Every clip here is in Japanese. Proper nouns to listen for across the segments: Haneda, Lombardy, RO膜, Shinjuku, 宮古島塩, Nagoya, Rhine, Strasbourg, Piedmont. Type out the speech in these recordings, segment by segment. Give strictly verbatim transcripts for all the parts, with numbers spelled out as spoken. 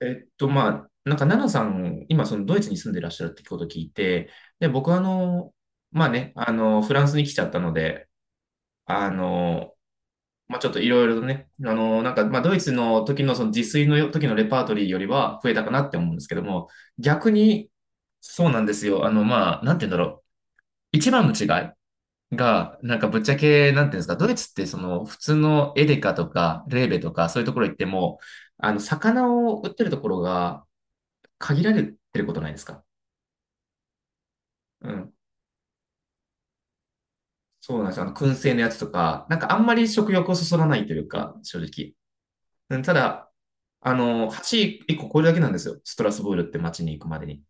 えっと、まあ、なんか、奈々さん、今、そのドイツに住んでらっしゃるってことを聞いて、で、僕は、あの、まあね、あの、フランスに来ちゃったので、あの、まあ、ちょっといろいろとね、あの、なんか、まあ、ドイツの時の、その自炊の時のレパートリーよりは増えたかなって思うんですけども、逆に、そうなんですよ。あの、まあ、なんて言うんだろう。一番の違いが、なんか、ぶっちゃけ、なんていうんですか、ドイツって、その、普通のエデカとか、レーベとか、そういうところ行っても、あの、魚を売ってるところが、限られてることないですか？うん。そうなんですよ。あの、燻製のやつとか、なんかあんまり食欲をそそらないというか、正直。うん、ただ、あの、橋いっこ超えるだけなんですよ。ストラスブールって街に行くまでに。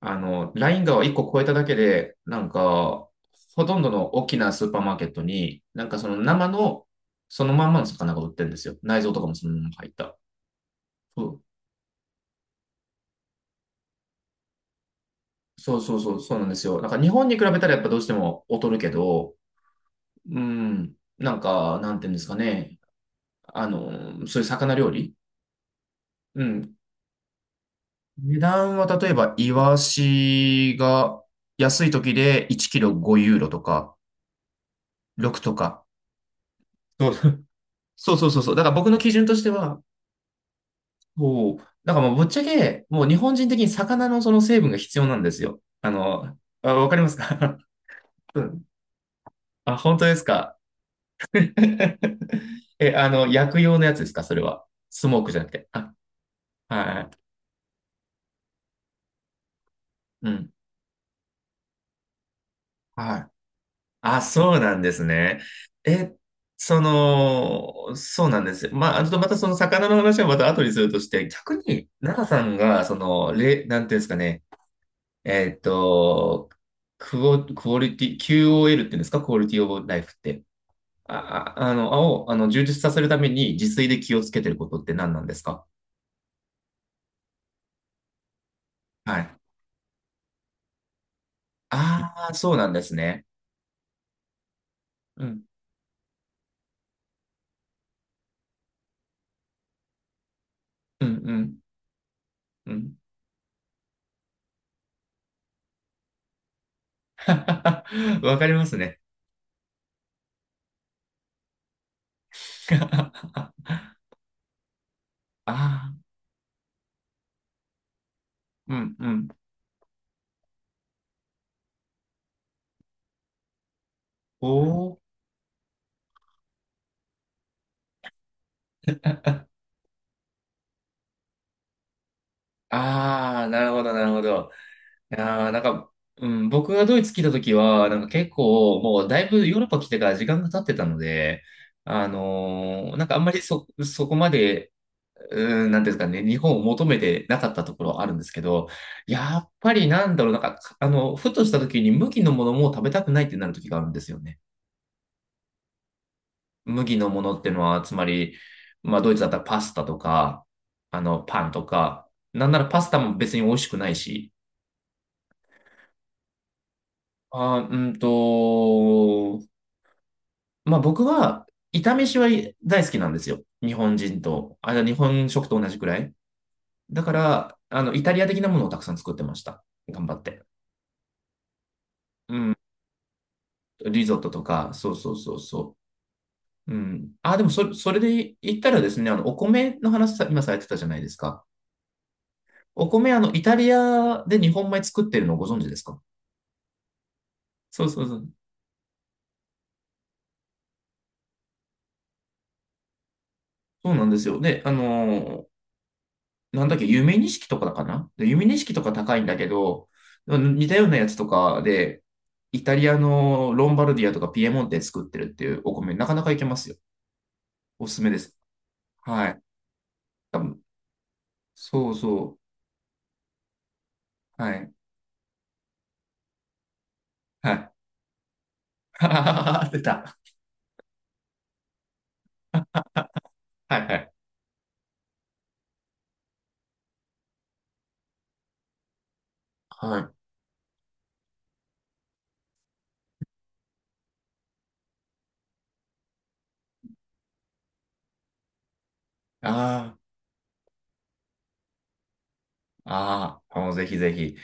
あの、ライン川をいっこ越えただけで、なんか、ほとんどの大きなスーパーマーケットに、なんかその生の、そのまんまの魚が売ってるんですよ。内臓とかもそのまま入った。そうそうそうそう、そうなんですよ。なんか日本に比べたらやっぱどうしても劣るけど、うん、なんか、なんていうんですかね。あの、そういう魚料理。うん。値段は例えば、イワシが安い時でいちキロごユーロとか、ろくとか。そうそう。そうそうそうそう。だから僕の基準としては、こう、なんかもうぶっちゃけ、もう日本人的に魚のその成分が必要なんですよ。あの、あ、わかりますか？ うん。あ、本当ですか？ え、あの、薬用のやつですかそれは？スモークじゃなくて。あ、はい。うん。はい。あ、そうなんですね。え、その、そうなんですよ。まあ、ちょっとまたその魚の話はまた後にするとして、逆に、奈々さんが、その、れ、なんていうんですかね、えっと、クオ、クオリティ、キューオーエル って言うんですか、クオリティオブライフって。あ、ああの、を、あの、充実させるために自炊で気をつけてることって何なんですか？はい。ああ、そうなんですね。うん、うん、うん、うん。わかりますね。ああ、うん、うん。おああ、なるほど、なるほど。いやーなんか、うん、僕がドイツ来た時は、なんか結構、もうだいぶヨーロッパ来てから時間が経ってたので、あのーなんかあんまりそ、そこまで、うん、なんていうんですかね、日本を求めてなかったところはあるんですけど、やっぱりなんだろう、なんか、あの、ふとした時に麦のものも食べたくないってなる時があるんですよね。麦のものってのは、つまり、まあ、ドイツだったらパスタとか、あの、パンとか、なんならパスタも別に美味しくないし、あー、うんと、まあ僕は、炒めしは大好きなんですよ。日本人と、あ、日本食と同じくらい。だから、あの、イタリア的なものをたくさん作ってました。頑張って。うん。リゾットとか、そうそうそうそう。うん。あ、でもそ、それで言ったらですね、あの、お米の話さ、今されてたじゃないですか。お米、あの、イタリアで日本米作ってるのをご存知ですか？そうそうそう。そうなんですよ。で、あのなんだっけ、夢錦とかかなで夢錦とか高いんだけど、似たようなやつとかで、イタリアのロンバルディアとかピエモンテ作ってるっていうお米、なかなかいけますよ。おすすめです。はい。多分、そうそう。はい。はい。ああ、出た。はいはい。はい。ああ、ああ、もうぜひぜひ。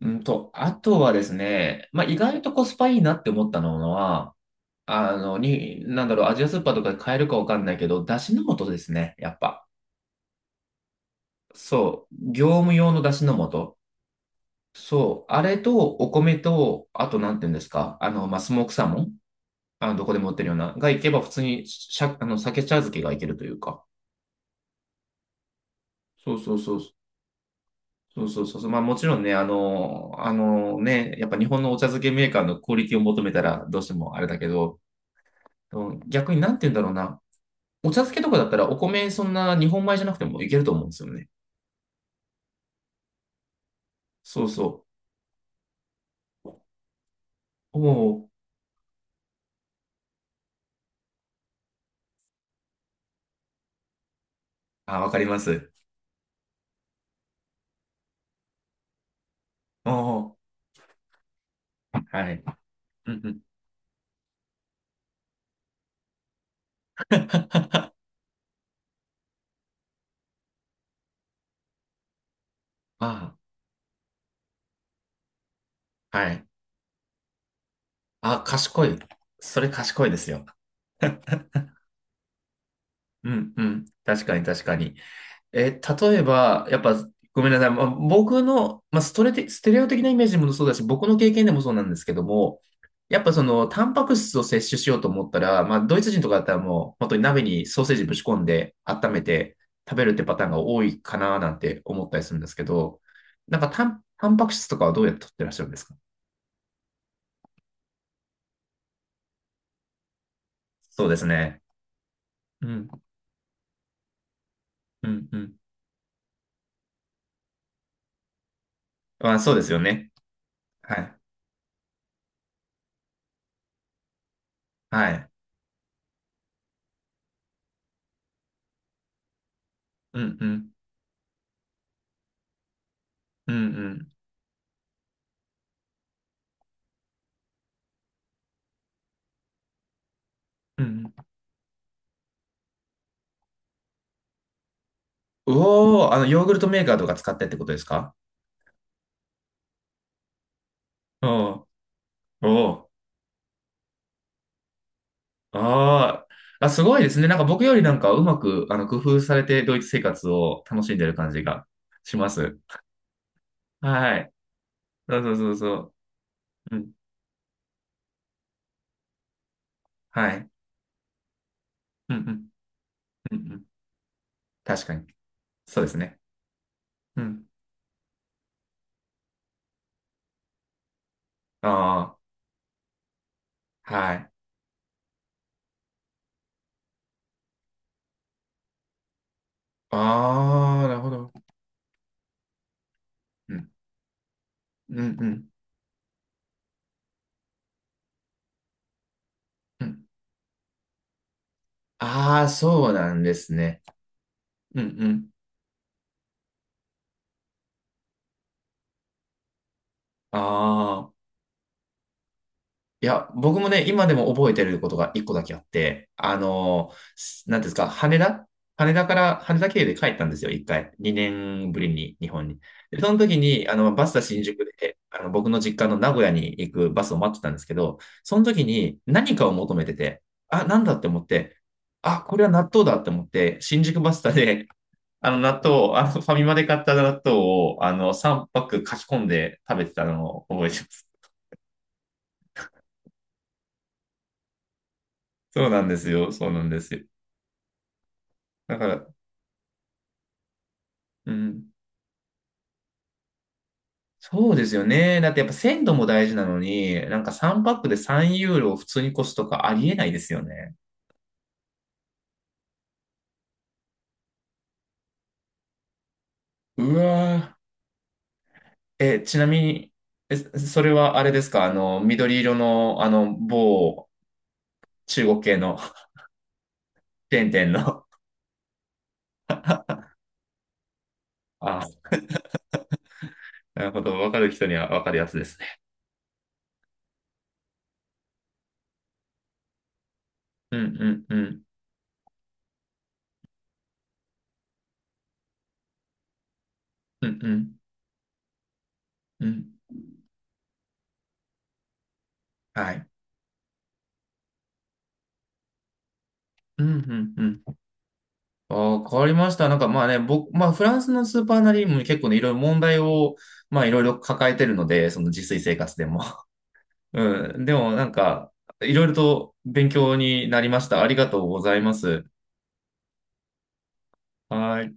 うんと、あとはですね、まあ、意外とコスパいいなって思ったのは、あの、に、なんだろう、アジアスーパーとかで買えるかわかんないけど、だしの素ですね、やっぱ。そう、業務用の出汁の素。そう、あれとお米と、あとなんて言うんですか、あの、まあ、スモークサーモン、あの、どこでも売ってるような、がいけば普通にしゃ、あの、鮭茶漬けがいけるというか。そうそうそう。そうそうそうそう。まあもちろんね、あの、あのね、やっぱ日本のお茶漬けメーカーのクオリティを求めたらどうしてもあれだけど、うん逆になんて言うんだろうな。お茶漬けとかだったらお米そんな日本米じゃなくてもいけると思うんですよね。そうそう。おお。あ、わかります。おお。はい。うんうん。 ああ、はい。あ、賢い。それ賢いですよ。うん、うん。確かに、確かに。えー、例えば、やっぱ、ごめんなさい。まあ、僕の、まあ、ストレテ、ステレオ的なイメージもそうだし、僕の経験でもそうなんですけども、やっぱその、タンパク質を摂取しようと思ったら、まあ、ドイツ人とかだったらもう、本当に鍋にソーセージぶち込んで、温めて食べるってパターンが多いかななんて思ったりするんですけど、なんかタン、タンパク質とかはどうやって取ってらっしゃるんですか？そうですね。うん、うん、うん。まあ、そうですよね。はい。はい。うん、うん。うん、うん。うん。うおー、あの、ヨーグルトメーカーとか使ってってことですか？おー、おー、あー。あ、すごいですね。なんか僕よりなんかうまく、あの、工夫されてドイツ生活を楽しんでる感じがします。はい。そうそうそうそう。うん。はい。うんうん。うんうん。確かに。そうですね。うん。ああ、はい。ああ、なるほど。うん。うんうん。うん。ああ、そうなんですね。うんうん。ああ、いや、僕もね、今でも覚えてることがいっこだけあって、あのすなんていうんですか、羽田羽田から、羽田経由で帰ったんですよ、いっかい。にねんぶりに、日本に。で、その時に、あの、バスタ新宿で、あの、僕の実家の名古屋に行くバスを待ってたんですけど、その時に何かを求めてて、あ、なんだって思って、あ、これは納豆だって思って、新宿バスタで、あの、納豆を、あの、ファミマで買った納豆を、あの、さんパック書き込んで食べてたのを覚えてます。そうなんですよ。そうなんですよ。だから、うん。そうですよね。だってやっぱ鮮度も大事なのに、なんかさんパックでさんユーロを普通に越すとかありえないですよね。うわー。え、ちなみに、え、それはあれですか？あの、緑色の、あの、某中国系の チェーン店の？あ、なるほど。わかる人にはわかるやつですね。うんうんうん。うんうんうん。はい。うんうんうん。ああ、変わりました。なんかまあね、僕、まあフランスのスーパーなりにも結構ね、いろいろ問題を、まあいろいろ抱えてるので、その自炊生活でも。うん。でもなんか、いろいろと勉強になりました。ありがとうございます。はい。